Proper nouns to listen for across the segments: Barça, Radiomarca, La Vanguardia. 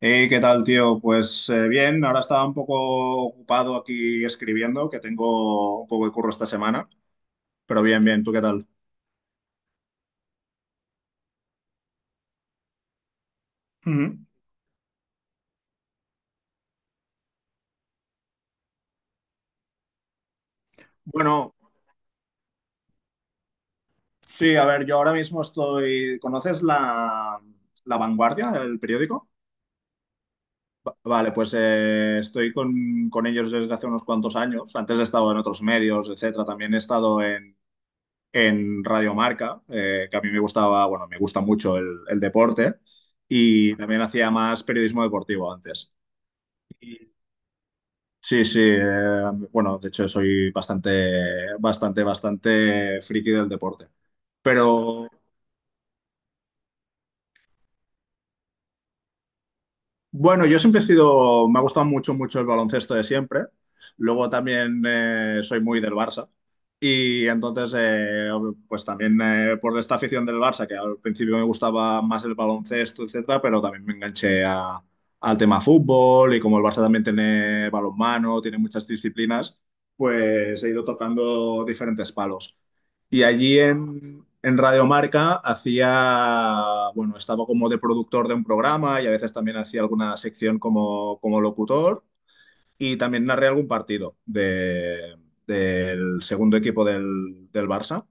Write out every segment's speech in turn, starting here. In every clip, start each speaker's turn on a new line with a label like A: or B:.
A: Hey, ¿qué tal, tío? Pues bien, ahora estaba un poco ocupado aquí escribiendo, que tengo un poco de curro esta semana, pero bien, bien, ¿tú qué tal? Ujú. Bueno, sí, a ver, yo ahora mismo estoy... ¿Conoces La Vanguardia, el periódico? Vale, pues estoy con ellos desde hace unos cuantos años. Antes he estado en otros medios, etcétera. También he estado en Radiomarca, que a mí me gustaba, bueno, me gusta mucho el deporte y también hacía más periodismo deportivo antes. Y sí, sí, bueno, de hecho soy bastante friki del deporte. Pero bueno, yo siempre he sido, me ha gustado mucho, mucho el baloncesto de siempre. Luego también soy muy del Barça. Y entonces, pues también por esta afición del Barça, que al principio me gustaba más el baloncesto, etcétera, pero también al tema fútbol, y como el Barça también tiene balonmano, tiene muchas disciplinas, pues he ido tocando diferentes palos. Y allí en Radio Marca hacía, bueno, estaba como de productor de un programa, y a veces también hacía alguna sección como, como locutor. Y también narré algún partido del segundo equipo del Barça.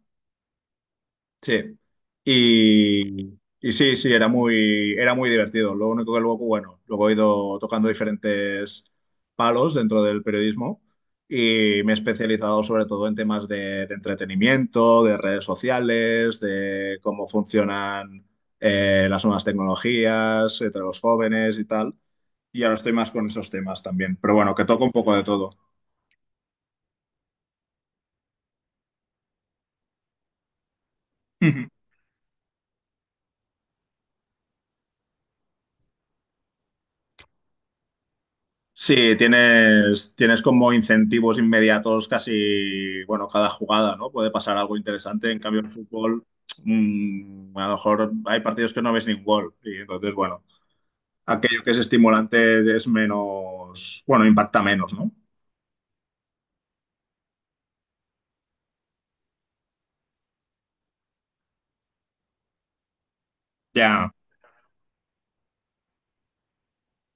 A: Sí. Y, y sí, sí, era era muy divertido. Lo único que luego, bueno, luego he ido tocando diferentes palos dentro del periodismo, y me he especializado sobre todo en temas de entretenimiento, de redes sociales, de cómo funcionan las nuevas tecnologías entre los jóvenes y tal. Y ahora estoy más con esos temas también. Pero bueno, que toco un poco de todo. Ujú. Sí, tienes, tienes como incentivos inmediatos casi, bueno, cada jugada, ¿no? Puede pasar algo interesante. En cambio, en fútbol, mm, a lo mejor hay partidos que no ves ni un gol. Y entonces, bueno, aquello que es estimulante es menos, bueno, impacta menos, ¿no? Ya,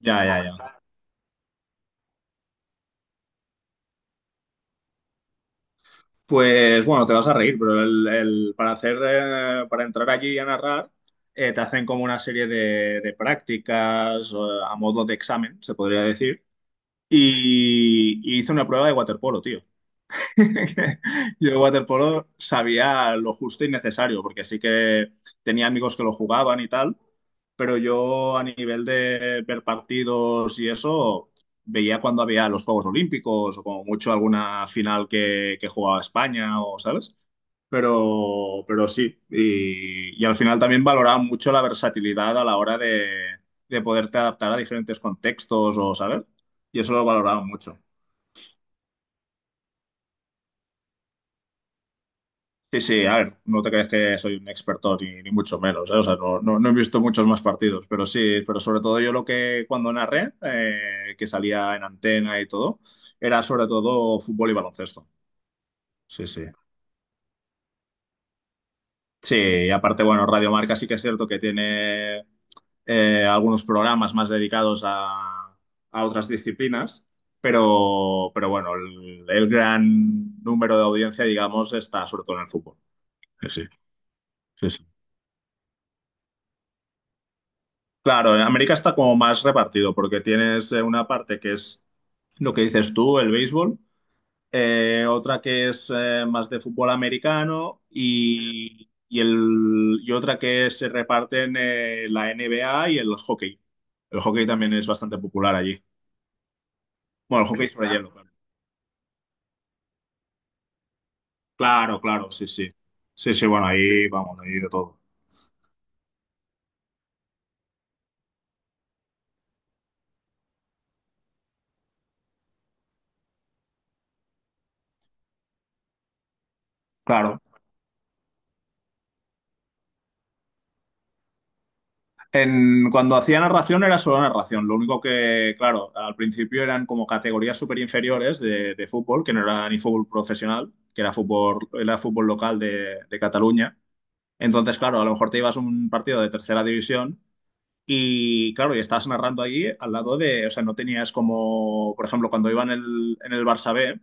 A: ya, ya, ya. Pues bueno, te vas a reír, pero para hacer, para entrar allí a narrar, te hacen como una serie de prácticas, a modo de examen, se podría decir, y hice una prueba de waterpolo, tío. Yo waterpolo sabía lo justo y necesario, porque sí que tenía amigos que lo jugaban y tal, pero yo a nivel de ver partidos y eso, veía cuando había los Juegos Olímpicos o como mucho alguna final que jugaba España o, ¿sabes? Pero sí, y al final también valoraba mucho la versatilidad a la hora de poderte adaptar a diferentes contextos o, ¿sabes? Y eso lo valoraba mucho. Sí, sí, a ver, no te crees que soy un experto ni mucho menos, ¿eh? O sea, no, no, no he visto muchos más partidos, pero sí, pero sobre todo yo lo que cuando narré, que salía en antena y todo, era sobre todo fútbol y baloncesto. Sí, sí. Sí, y aparte, bueno, Radio Marca sí que es cierto que tiene algunos programas más dedicados a otras disciplinas, pero bueno, el gran número de audiencia, digamos, está sobre todo en el fútbol. Sí, sí, sí. Sí. Claro, en América está como más repartido porque tienes una parte que es lo que dices tú, el béisbol, otra que es más de fútbol americano, y el, y otra que se reparten la NBA y el hockey. El hockey también es bastante popular allí. Bueno, el hockey sobre hielo, claro. Claro, claro, sí, sí. Sí, sí, bueno, ahí vamos, ahí de todo. Claro. En, cuando hacía narración era solo narración. Lo único que, claro, al principio eran como categorías súper inferiores de fútbol, que no era ni fútbol profesional, que era fútbol local de Cataluña. Entonces, claro, a lo mejor te ibas a un partido de tercera división, y, claro, y estás narrando allí al lado de, o sea, no tenías como, por ejemplo, cuando iba en en el Barça B,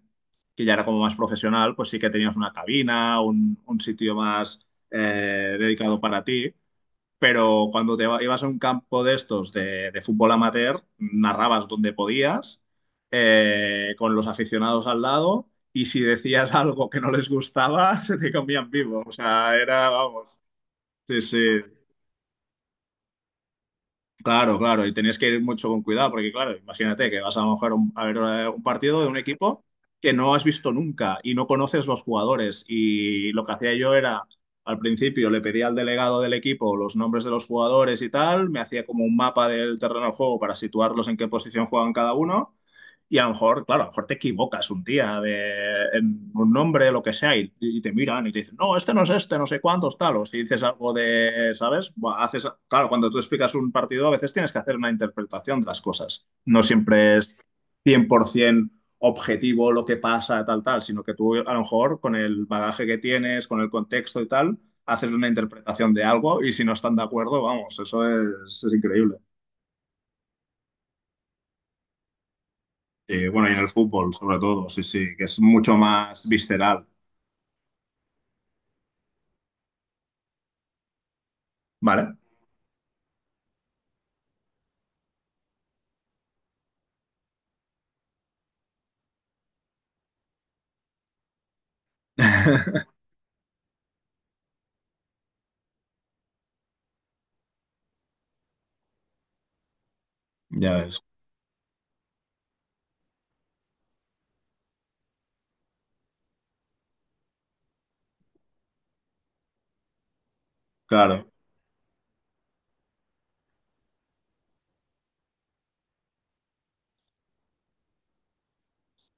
A: que ya era como más profesional, pues sí que tenías una cabina, un sitio más dedicado para ti, pero cuando ibas a un campo de estos de fútbol amateur, narrabas donde podías, con los aficionados al lado, y si decías algo que no les gustaba, se te comían vivo. O sea, era, vamos, sí, sí. Claro, claro, y tenías que ir mucho con cuidado, porque claro, imagínate que vas a lo mejor a ver un partido de un equipo que no has visto nunca y no conoces los jugadores. Y lo que hacía yo era, al principio le pedía al delegado del equipo los nombres de los jugadores y tal, me hacía como un mapa del terreno de juego para situarlos en qué posición juegan cada uno, y a lo mejor, claro, a lo mejor te equivocas un día en un nombre, lo que sea, y te miran y te dicen, no, este no es este, no sé cuántos, tal. O si dices algo de, ¿sabes? Buah, haces, claro, cuando tú explicas un partido, a veces tienes que hacer una interpretación de las cosas. No siempre es 100% objetivo lo que pasa, tal, tal, sino que tú, a lo mejor, con el bagaje que tienes, con el contexto y tal, haces una interpretación de algo, y si no están de acuerdo, vamos, eso es increíble. Sí, bueno, y en el fútbol, sobre todo, sí, sí, que es mucho más visceral, ¿vale? Ya ves, claro,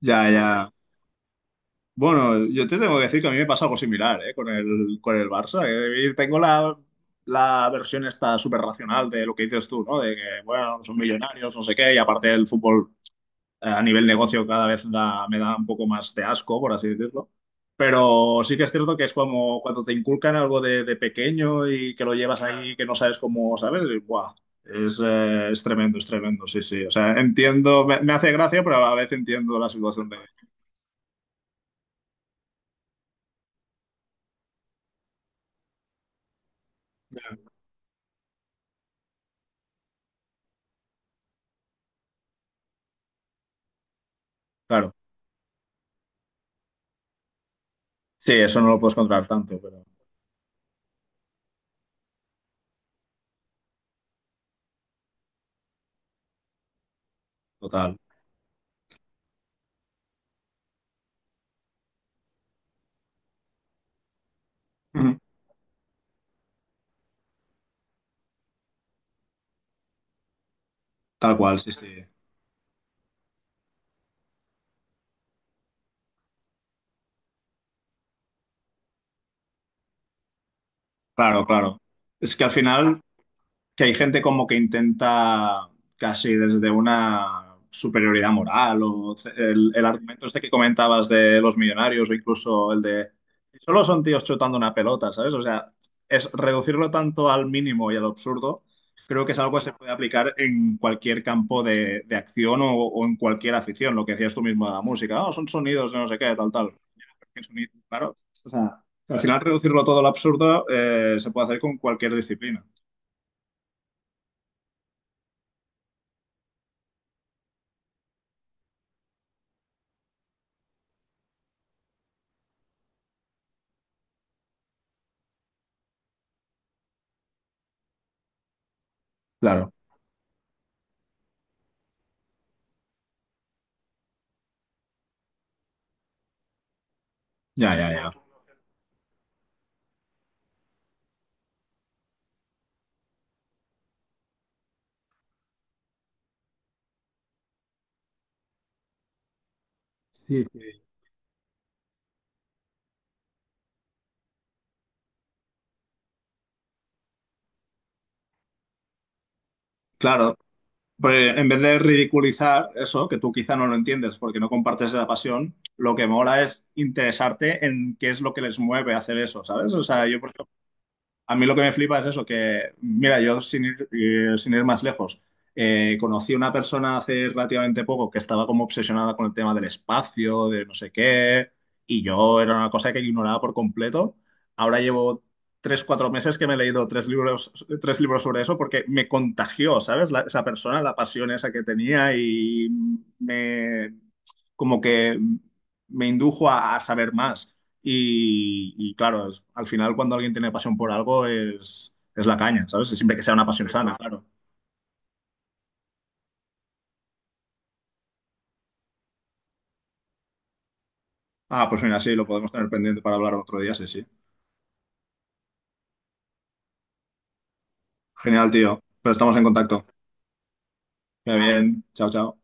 A: ya, ya. Bueno, yo te tengo que decir que a mí me pasa algo similar, ¿eh? Con con el Barça. Que tengo la versión esta súper racional de lo que dices tú, ¿no? De que, bueno, son millonarios, no sé qué, y aparte el fútbol a nivel negocio cada vez me da un poco más de asco, por así decirlo. Pero sí que es cierto que es como cuando te inculcan algo de pequeño y que lo llevas ahí, que no sabes cómo, ¿sabes? Y ¡buah! Es tremendo, sí, sí. O sea, entiendo, me hace gracia, pero a la vez entiendo la situación de... Claro, sí, eso no lo puedes controlar tanto, pero total. Ujú. Tal cual, sí, sí. Claro, claro. Es que al final... que hay gente como que intenta casi desde una superioridad moral o el argumento este que comentabas de los millonarios, o incluso el de solo son tíos chutando una pelota, ¿sabes? O sea, es reducirlo tanto al mínimo y al absurdo, creo que es algo que se puede aplicar en cualquier campo de acción, o en cualquier afición, lo que decías tú mismo de la música, "Ah, son sonidos de no sé qué, tal, tal. ¿Qué sonido?" Claro, o sea, al final reducirlo todo al absurdo se puede hacer con cualquier disciplina. Ya, ya, ya. Sí, sí. Claro, pues en vez de ridiculizar eso, que tú quizá no lo entiendes porque no compartes esa pasión, lo que mola es interesarte en qué es lo que les mueve a hacer eso, ¿sabes? O sea, yo, por... A mí lo que me flipa es eso, que, mira, yo sin ir, sin ir más lejos, conocí a una persona hace relativamente poco que estaba como obsesionada con el tema del espacio, de no sé qué, y yo era una cosa que ignoraba por completo. Ahora llevo tres, cuatro meses que me he leído tres libros sobre eso porque me contagió, ¿sabes? Esa persona, la pasión esa que tenía, y me, como que me indujo a saber más. Y claro, al final cuando alguien tiene pasión por algo es la caña, ¿sabes? Siempre que sea una pasión sana, claro. Ah, pues mira, sí, lo podemos tener pendiente para hablar otro día, sí, sí. Genial, tío. Pero estamos en contacto. Que vaya bien. Chao, chao.